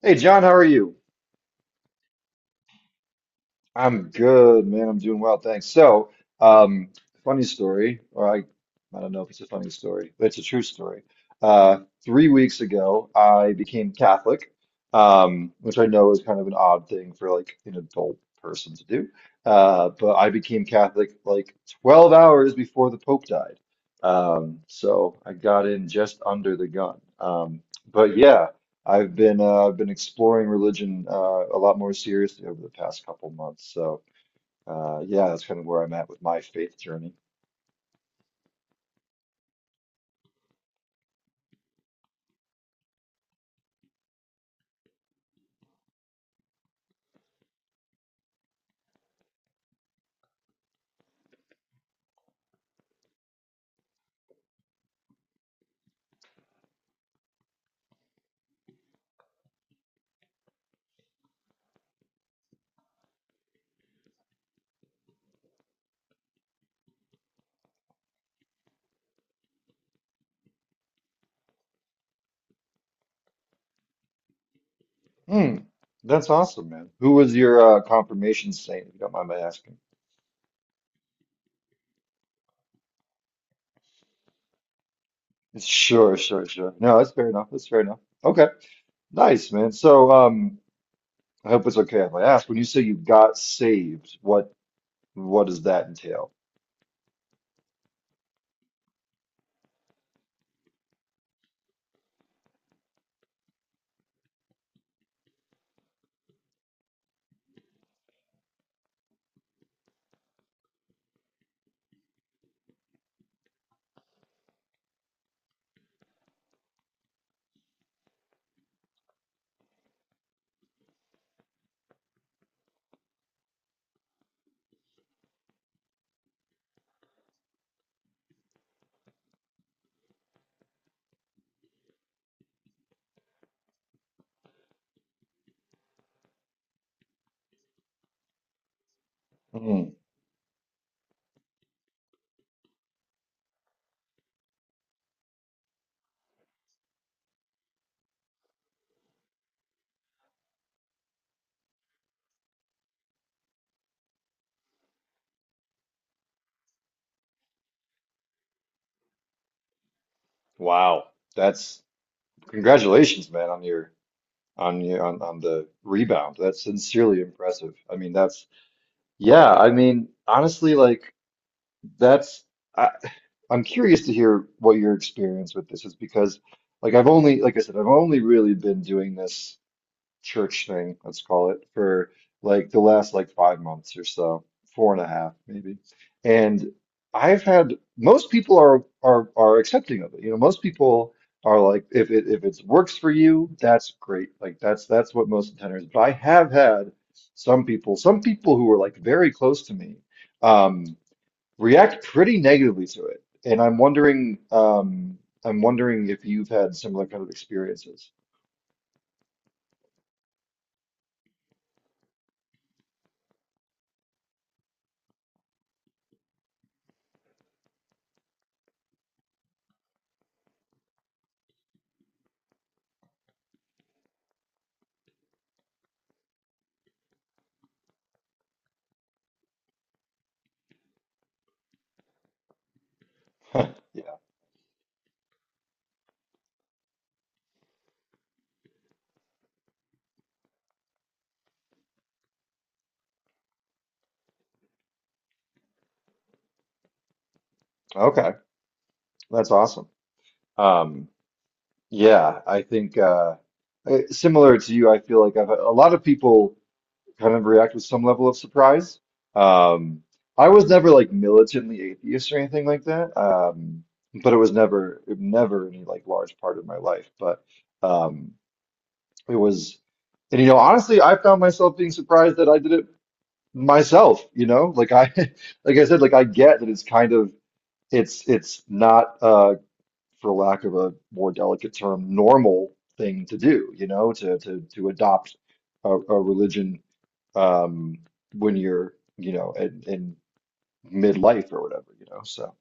Hey John, how are you? I'm good, man. I'm doing well, thanks. So, um, funny story, or I don't know if it's a funny story, but it's a true story. Uh, 3 weeks ago, I became Catholic, which I know is kind of an odd thing for like an adult person to do. But I became Catholic like 12 hours before the Pope died. So I got in just under the gun. But yeah. I've been exploring religion a lot more seriously over the past couple months. So yeah, that's kind of where I'm at with my faith journey. Hmm, that's awesome, man. Who was your confirmation saint, if you don't mind my asking? Sure, sure, sure. No, that's fair enough. That's fair enough. Okay, nice, man. So I hope it's okay if I ask. When you say you got saved, what does that entail? Hmm. Wow, that's congratulations, man, on your on the rebound. That's sincerely impressive. I mean, honestly, like that's I, I'm curious to hear what your experience with this is because like I've only like I said, I've only really been doing this church thing, let's call it, for like the last like 5 months or so, four and a half maybe. And I've had most people are accepting of it. Most people are like, if it works for you, that's great. Like that's what most intenders. But I have had some people who were like very close to me, um, react pretty negatively to it. And I'm wondering if you've had similar kind of experiences. Yeah. Okay. That's awesome. Um, yeah, I think similar to you, I feel like a lot of people kind of react with some level of surprise. Um, I was never like militantly atheist or anything like that, but it never any like large part of my life. But um, it was, and honestly, I found myself being surprised that I did it myself. Like I like I said, like I get that it's not for lack of a more delicate term, normal thing to do, to adopt a religion um when you're, in midlife or whatever. So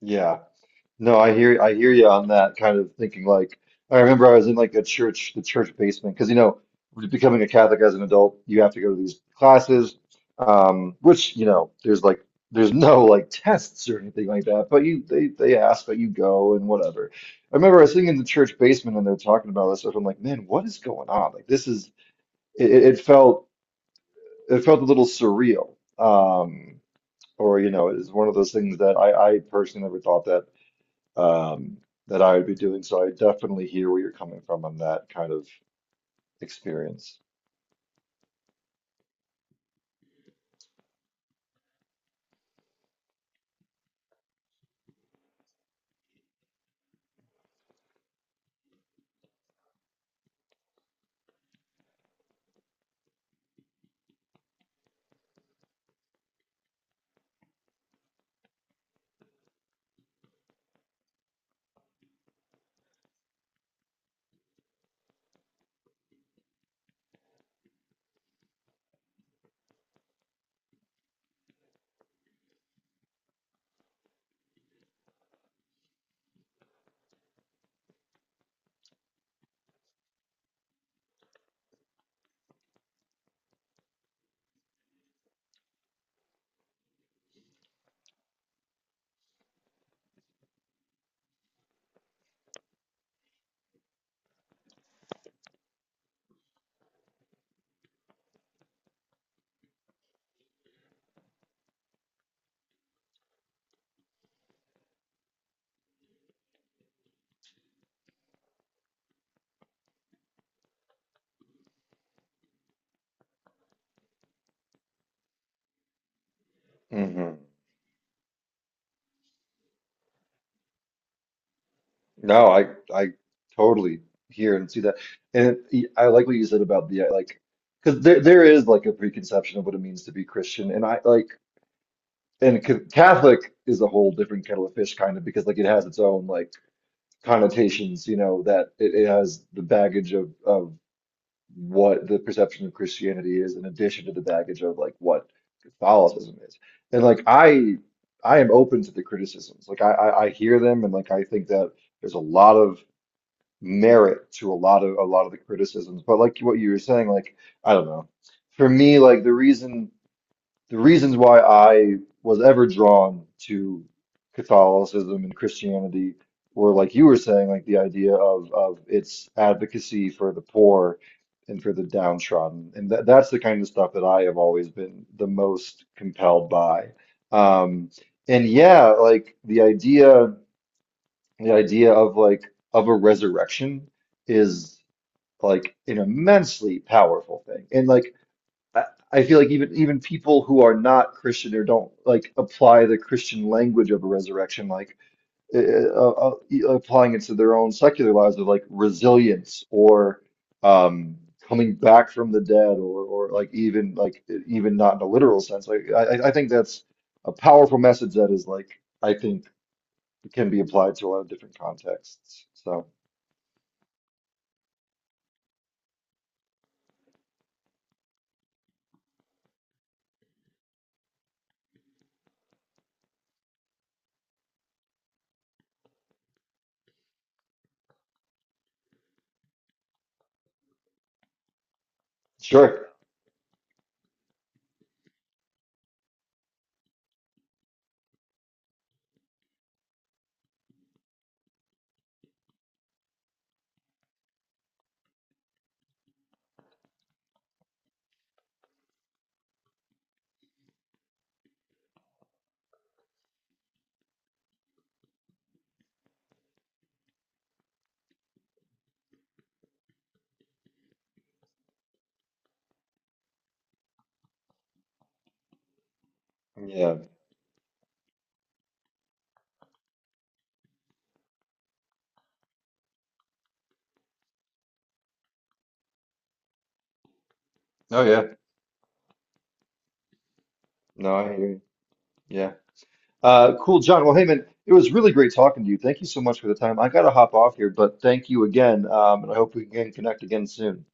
yeah. No, I hear you on that kind of thinking. Like I remember I was in like the church basement, because becoming a Catholic as an adult, you have to go to these classes, which there's no like tests or anything like that, but you they ask, but you go and whatever. I remember I was sitting in the church basement and they're talking about this stuff. I'm like, man, what is going on? Like this is it, it it felt a little surreal. Um, or it is one of those things that I personally never thought um, that I would be doing. So I definitely hear where you're coming from on that kind of experience. hmm No, I totally hear and see that, and I like what you said about the like, because there is like a preconception of what it means to be Christian, and I like and c- Catholic is a whole different kettle of fish, kind of because like it has its own like connotations, that it has the baggage of. What the perception of Christianity is in addition to the baggage of like what Catholicism is. And like I am open to the criticisms. Like I hear them and like I think that there's a lot of merit to a lot of the criticisms. But like what you were saying, like I don't know. For me, like the reasons why I was ever drawn to Catholicism and Christianity were like you were saying, like the idea of its advocacy for the poor and for the downtrodden, and that that's the kind of stuff that I have always been the most compelled by. Um, and yeah, like the idea of a resurrection is like an immensely powerful thing, and like I I feel like even people who are not Christian or don't like apply the Christian language of a resurrection, like applying it to their own secular lives of like resilience or um, coming back from the dead, or even not in a literal sense. Like I think that's a powerful message that is like I think can be applied to a lot of different contexts. So sure, yeah, oh yeah, no, I hear you. Yeah. Cool, John. Well, hey, man, it was really great talking to you. Thank you so much for the time. I got to hop off here, but thank you again. And I hope we can connect again soon.